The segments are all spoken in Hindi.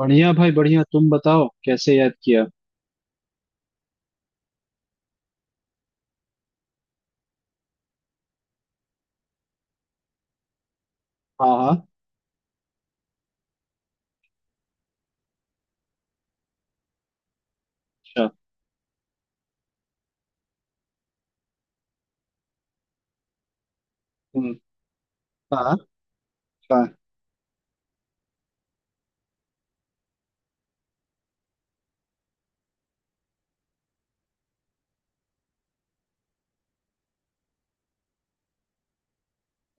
बढ़िया भाई बढ़िया। तुम बताओ, कैसे याद किया? हाँ हाँ। अच्छा। हम्म। हाँ। हाँ।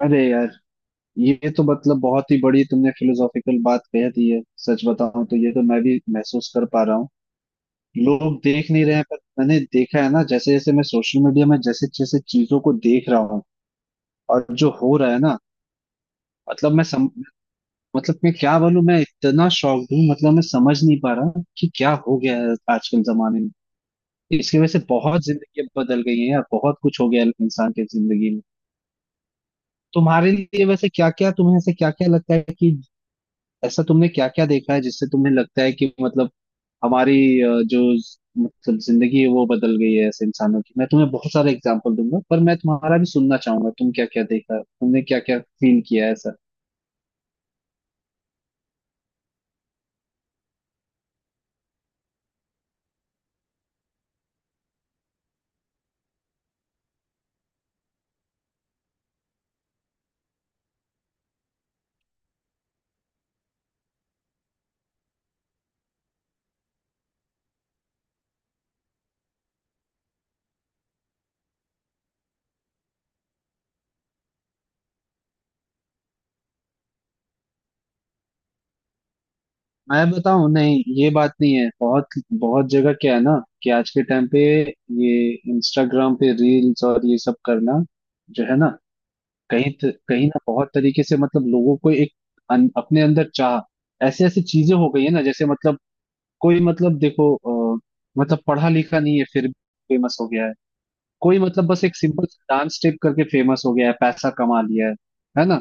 अरे यार, ये तो मतलब बहुत ही बड़ी तुमने फिलोसॉफिकल बात कह दी है। सच बताऊं तो ये तो मैं भी महसूस कर पा रहा हूँ। लोग देख नहीं रहे हैं पर मैंने देखा है ना, जैसे जैसे मैं सोशल मीडिया में जैसे जैसे चीजों को देख रहा हूँ और जो हो रहा है ना, मतलब मतलब मैं क्या बोलूं, मैं इतना शॉक्ड हूँ। मतलब मैं समझ नहीं पा रहा कि क्या हो गया है आजकल जमाने में। इसकी वजह से बहुत जिंदगी बदल गई है यार, बहुत कुछ हो गया है इंसान के जिंदगी में। तुम्हारे लिए वैसे क्या क्या तुम्हें ऐसे क्या क्या लगता है कि ऐसा तुमने क्या क्या देखा है जिससे तुम्हें लगता है कि मतलब हमारी जो मतलब जिंदगी है वो बदल गई है ऐसे इंसानों की। मैं तुम्हें बहुत सारे एग्जाम्पल दूंगा पर मैं तुम्हारा भी सुनना चाहूंगा, तुम क्या क्या देखा, तुमने क्या क्या फील किया है ऐसा। मैं बताऊं, नहीं ये बात नहीं है। बहुत बहुत जगह क्या है ना कि आज के टाइम पे ये इंस्टाग्राम पे रील्स और ये सब करना जो है ना, कहीं ना बहुत तरीके से मतलब लोगों को एक अपने अंदर चाह ऐसे ऐसे चीजें हो गई है ना। जैसे मतलब कोई मतलब देखो, अ, मतलब पढ़ा लिखा नहीं है, फिर फेमस हो गया है। कोई मतलब बस एक सिंपल डांस स्टेप करके फेमस हो गया है, पैसा कमा लिया है ना।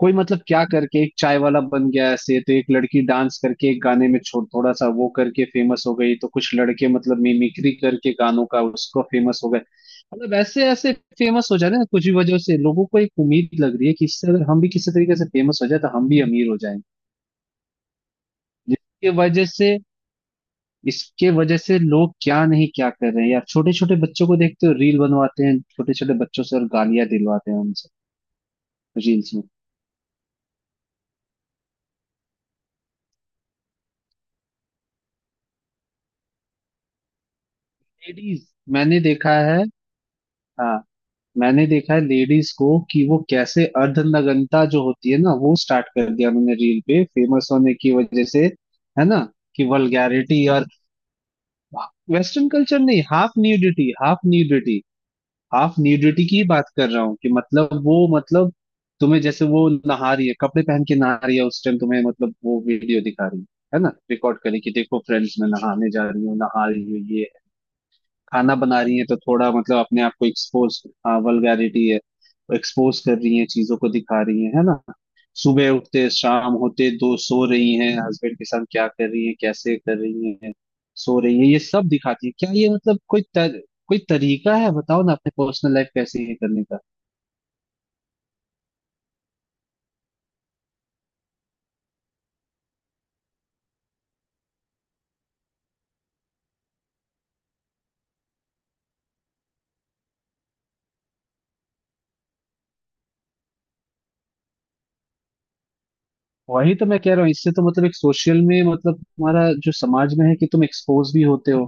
कोई मतलब क्या करके एक चाय वाला बन गया, ऐसे तो एक लड़की डांस करके एक गाने में छोड़ थोड़ा सा वो करके फेमस हो गई, तो कुछ लड़के मतलब मिमिक्री करके गानों का उसको फेमस हो गए। मतलब ऐसे ऐसे फेमस हो जा रहे हैं ना, कुछ भी वजह से लोगों को एक उम्मीद लग रही है कि इससे अगर हम भी किसी तरीके से फेमस हो जाए तो हम भी अमीर हो जाएंगे। जिसके वजह से, इसके वजह से लोग क्या नहीं क्या कर रहे हैं यार, छोटे छोटे बच्चों को देखते हो रील बनवाते हैं छोटे छोटे बच्चों से और गालियां दिलवाते हैं उनसे। रील्स में लेडीज, मैंने देखा है। हाँ। मैंने देखा है लेडीज को कि वो कैसे अर्धनग्नता जो होती है ना वो स्टार्ट कर दिया उन्होंने रील पे फेमस होने की वजह से, है ना कि वल्गैरिटी और। वेस्टर्न कल्चर नहीं, half nudity, half nudity. Half nudity की ही बात कर रहा हूँ कि मतलब वो मतलब तुम्हें, जैसे वो नहा रही है, कपड़े पहन के नहा रही है, उस टाइम तुम्हें मतलब वो वीडियो दिखा रही है। है ना, रिकॉर्ड करे कि देखो फ्रेंड्स मैं नहाने जा रही हूँ, नहा रही हूँ, ये खाना बना रही है, तो थोड़ा मतलब अपने आप को एक्सपोज। हाँ वल्गैरिटी है, तो एक्सपोज कर रही है, चीजों को दिखा रही है ना। सुबह उठते शाम होते दो सो रही हैं, हस्बैंड के साथ क्या कर रही है, कैसे कर रही है, सो रही है, ये सब दिखाती है। क्या ये मतलब कोई तरीका है बताओ ना अपने पर्सनल लाइफ कैसे ये करने का। वही तो मैं कह रहा हूँ, इससे तो मतलब एक सोशल में मतलब तुम्हारा जो समाज में है कि तुम एक्सपोज भी होते हो,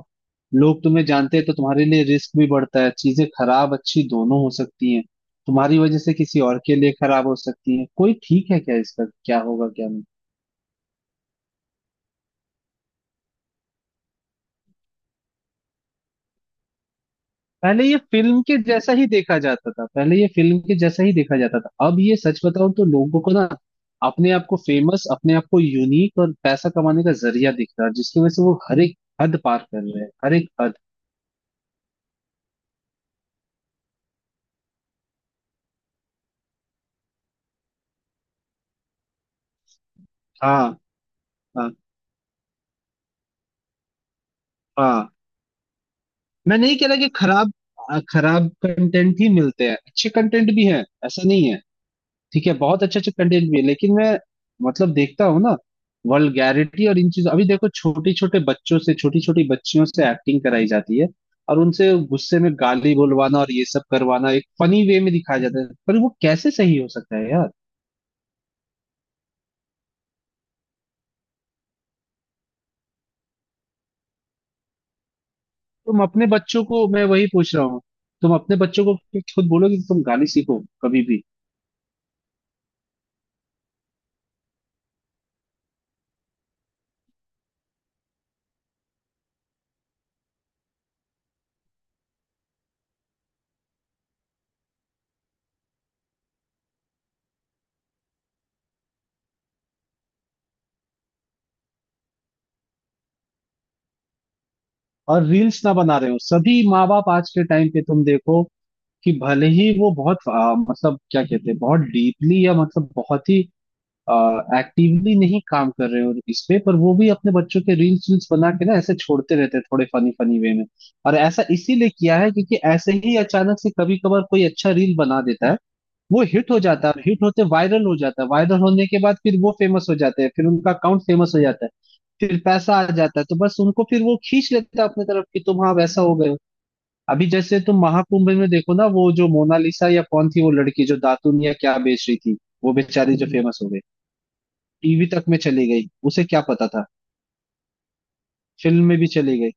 लोग तुम्हें जानते हैं, तो तुम्हारे लिए रिस्क भी बढ़ता है। चीजें खराब अच्छी दोनों हो सकती हैं। तुम्हारी वजह से किसी और के लिए खराब हो सकती है कोई, ठीक है क्या, इसका क्या होगा क्या नहीं। पहले ये फिल्म के जैसा ही देखा जाता था, पहले ये फिल्म के जैसा ही देखा जाता था। अब ये सच बताऊं तो लोगों को ना अपने आप को फेमस, अपने आप को यूनिक और पैसा कमाने का जरिया दिख रहा है, जिसकी वजह से वो हर एक हद पार कर रहे हैं, हर एक हद। हाँ। हाँ। हाँ। मैं नहीं कह रहा कि खराब, खराब कंटेंट ही मिलते हैं, अच्छे कंटेंट भी हैं, ऐसा नहीं है। ठीक है, बहुत अच्छे अच्छे कंटेंट भी है, लेकिन मैं मतलब देखता हूँ ना, वल्गैरिटी और इन चीजों, अभी देखो छोटे छोटे बच्चों से छोटी छोटी बच्चियों से एक्टिंग कराई जाती है और उनसे गुस्से में गाली बोलवाना और ये सब करवाना एक फनी वे में दिखाया जाता है, पर वो कैसे सही हो सकता है यार। तुम अपने बच्चों को, मैं वही पूछ रहा हूँ, तुम अपने बच्चों को खुद बोलोगे कि तुम गाली सीखो कभी भी? और रील्स ना बना रहे हो सभी माँ बाप आज के टाइम पे तुम देखो, कि भले ही वो बहुत मतलब क्या कहते हैं, बहुत डीपली या मतलब बहुत ही एक्टिवली नहीं काम कर रहे हो इस पे, पर वो भी अपने बच्चों के रील्स वील्स बना के ना ऐसे छोड़ते रहते हैं थोड़े फनी फनी वे में। और ऐसा इसीलिए किया है क्योंकि ऐसे ही अचानक से कभी कभार कोई अच्छा रील बना देता है, वो हिट हो जाता है, हिट होते वायरल हो जाता है, वायरल होने के बाद फिर वो फेमस हो जाते हैं, फिर उनका अकाउंट फेमस हो जाता है, फिर पैसा आ जाता है, तो बस उनको फिर वो खींच लेता है अपनी तरफ कि तुम हाँ वैसा हो गए हो। अभी जैसे तुम महाकुंभ में देखो ना, वो जो मोनालिसा या कौन थी, वो लड़की जो दातुन या क्या बेच रही थी, वो बेचारी जो फेमस हो गई, टीवी तक में चली गई, उसे क्या पता था, फिल्म में भी चली गई।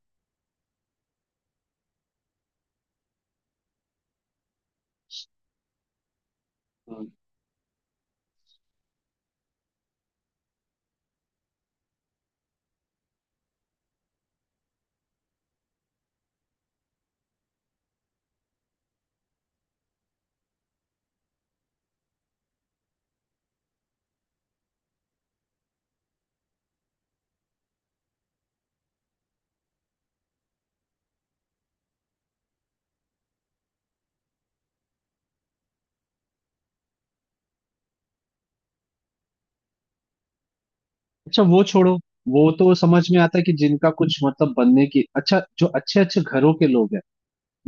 अच्छा वो छोड़ो, वो तो समझ में आता है कि जिनका कुछ मतलब बनने की, अच्छा जो अच्छे अच्छे घरों के लोग हैं,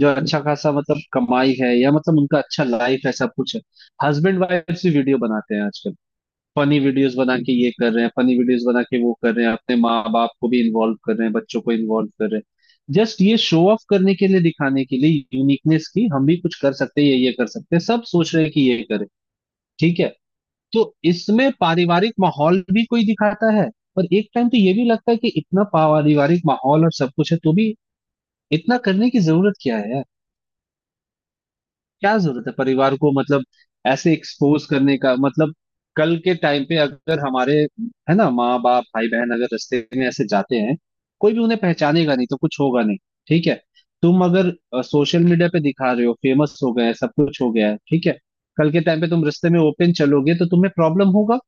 जो अच्छा खासा मतलब कमाई है या मतलब उनका अच्छा लाइफ है, सब कुछ है, हस्बैंड वाइफ भी वीडियो बनाते हैं आजकल। फनी वीडियोस बना के ये कर रहे हैं, फनी वीडियोस बना के वो कर रहे हैं, अपने माँ बाप को भी इन्वॉल्व कर रहे हैं, बच्चों को इन्वॉल्व कर रहे हैं, जस्ट ये शो ऑफ करने के लिए, दिखाने के लिए यूनिकनेस की हम भी कुछ कर सकते हैं, ये कर सकते हैं, सब सोच रहे हैं कि ये करें। ठीक है, तो इसमें पारिवारिक माहौल भी कोई दिखाता है, पर एक टाइम तो ये भी लगता है कि इतना पारिवारिक माहौल और सब कुछ है तो भी इतना करने की जरूरत क्या है यार। क्या जरूरत है परिवार को मतलब ऐसे एक्सपोज करने का, मतलब कल के टाइम पे अगर हमारे, है ना माँ बाप भाई बहन अगर रास्ते में ऐसे जाते हैं, कोई भी उन्हें पहचानेगा नहीं तो कुछ होगा नहीं, ठीक है। तुम अगर सोशल मीडिया पे दिखा रहे हो, फेमस हो गए, सब कुछ हो गया है, ठीक है। कल के टाइम पे तुम रास्ते में ओपन चलोगे तो तुम्हें प्रॉब्लम होगा।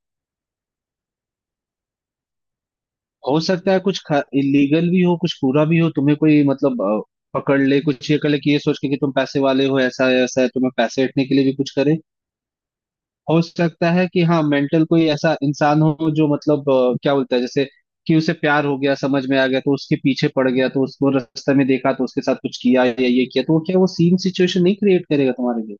हो सकता है कुछ इलीगल भी हो, कुछ पूरा भी हो, तुम्हें कोई मतलब पकड़ ले, कुछ ये कर ले कि ये सोच के कि तुम पैसे वाले हो, ऐसा है, ऐसा है, तुम्हें पैसे हटने के लिए भी कुछ करे। हो सकता है कि हाँ मेंटल कोई ऐसा इंसान हो जो मतलब क्या बोलता है, जैसे कि उसे प्यार हो गया, समझ में आ गया, तो उसके पीछे पड़ गया, तो उसको रास्ते में देखा तो उसके साथ कुछ किया या ये किया, तो वो क्या वो सेम सिचुएशन नहीं क्रिएट करेगा तुम्हारे लिए?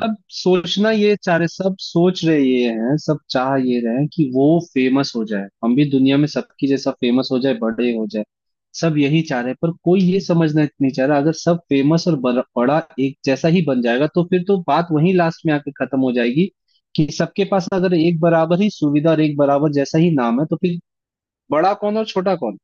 सब सोचना ये चारे, सब सोच रहे ये हैं, सब चाह ये रहे हैं कि वो फेमस हो जाए, हम भी दुनिया में सबकी जैसा फेमस हो जाए, बड़े हो जाए। सब यही चाह रहे हैं, पर कोई ये समझना नहीं चाह रहा अगर सब फेमस और बड़ा बड़ा एक जैसा ही बन जाएगा तो फिर तो बात वहीं लास्ट में आके खत्म हो जाएगी कि सबके पास अगर एक बराबर ही सुविधा और एक बराबर जैसा ही नाम है तो फिर बड़ा कौन और छोटा कौन।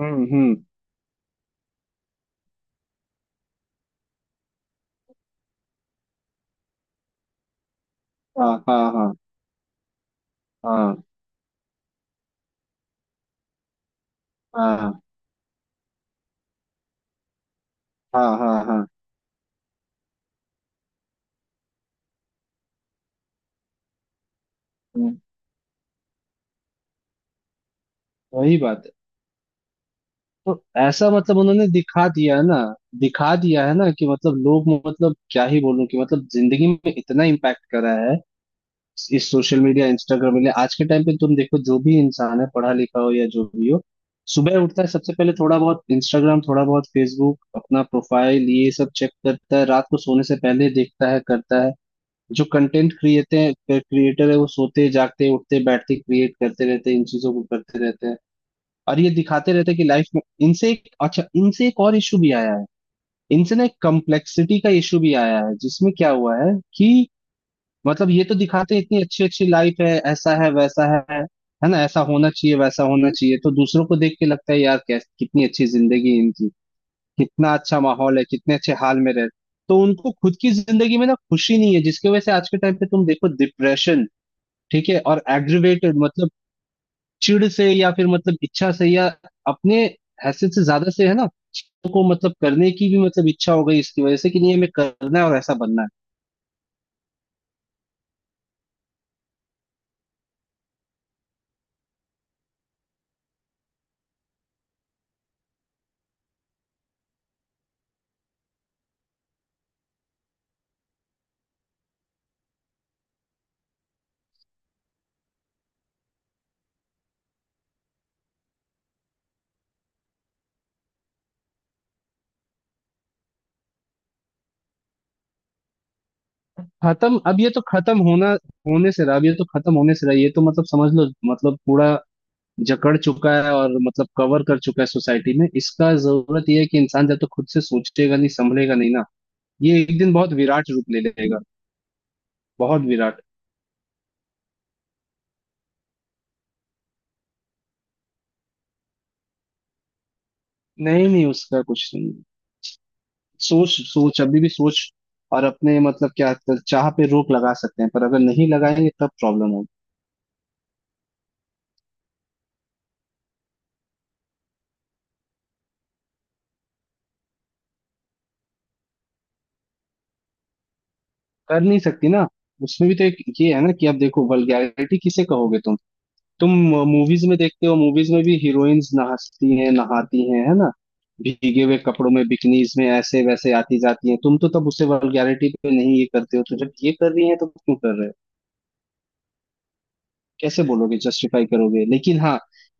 हम्म। हाँ हाँ हाँ हाँ हाँ हाँ हाँ हाँ। हम्म, वही बात। तो ऐसा मतलब उन्होंने दिखा दिया है ना, दिखा दिया है ना कि मतलब लोग मतलब क्या ही बोलूं कि मतलब जिंदगी में इतना इम्पैक्ट करा है इस सोशल मीडिया इंस्टाग्राम ने। आज के टाइम पे तुम देखो, जो भी इंसान है, पढ़ा लिखा हो या जो भी हो, सुबह उठता है सबसे पहले थोड़ा बहुत इंस्टाग्राम, थोड़ा बहुत फेसबुक, अपना प्रोफाइल ये सब चेक करता है, रात को सोने से पहले देखता है, करता है। जो कंटेंट क्रिएटर क्रिएटर है वो सोते जागते उठते बैठते क्रिएट करते रहते हैं इन चीजों को करते रहते हैं, और ये दिखाते रहते हैं कि लाइफ में इनसे एक अच्छा, इनसे एक और इशू भी आया है, इनसे ना एक कम्प्लेक्सिटी का इशू भी आया है जिसमें क्या हुआ है कि मतलब ये तो दिखाते हैं इतनी अच्छी अच्छी लाइफ है, ऐसा है वैसा है ना ऐसा होना चाहिए वैसा होना चाहिए, तो दूसरों को देख के लगता है यार कैस कितनी अच्छी जिंदगी है इनकी, कितना अच्छा माहौल है, कितने अच्छे हाल में रह। तो उनको खुद की जिंदगी में ना खुशी नहीं है, जिसकी वजह से आज के टाइम पे तुम देखो डिप्रेशन, ठीक है, और एग्रीवेटेड मतलब चिढ़ से या फिर मतलब इच्छा से या अपने हैसियत से ज्यादा से है ना, चीजों को मतलब करने की भी मतलब इच्छा हो गई इसकी वजह से, कि नहीं हमें करना है और ऐसा बनना है। खत्म, अब ये तो खत्म होना होने से रहा, अब ये तो खत्म होने से रहा, ये तो मतलब समझ लो मतलब पूरा जकड़ चुका है और मतलब कवर कर चुका है सोसाइटी में। इसका जरूरत यह है कि इंसान जब तक तो खुद से सोचेगा नहीं संभलेगा नहीं ना, ये एक दिन बहुत विराट रूप ले लेगा। बहुत विराट। नहीं नहीं उसका कुछ नहीं, सोच सोच अभी भी सोच और अपने मतलब क्या चाह पे रोक लगा सकते हैं, पर अगर नहीं लगाएंगे तब प्रॉब्लम होगी। कर नहीं सकती ना, उसमें भी तो एक ये है ना कि अब देखो वल्गैरिटी किसे कहोगे तुम। तुम मूवीज में देखते हो, मूवीज में भी हीरोइंस नहाती हैं, नहाती हैं, है ना, भीगे हुए कपड़ों में बिकनीज में ऐसे वैसे आती जाती हैं, तुम तो तब उसे वल्गैरिटी पे नहीं ये करते हो, तो जब ये कर रही हैं तो क्यों कर रहे हो, कैसे बोलोगे, जस्टिफाई करोगे, लेकिन हाँ।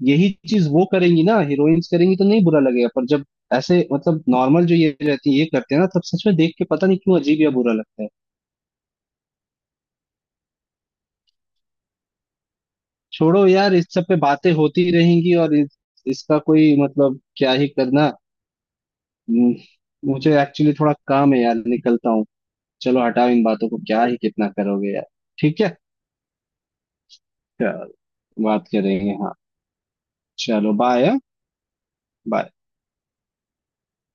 यही चीज वो करेंगी ना हीरोइंस, करेंगी तो नहीं बुरा लगेगा, पर जब ऐसे मतलब नॉर्मल जो ये रहती है ये करते हैं ना तब सच में देख के पता नहीं क्यों अजीब या बुरा लगता है। छोड़ो यार, इस सब पे बातें होती रहेंगी और इसका कोई मतलब क्या ही करना। हम्म, मुझे एक्चुअली थोड़ा काम है यार, निकलता हूँ। चलो हटाओ इन बातों को, क्या ही कितना करोगे यार। ठीक है, चलो, बात करेंगे हाँ। चलो बाय। बाय।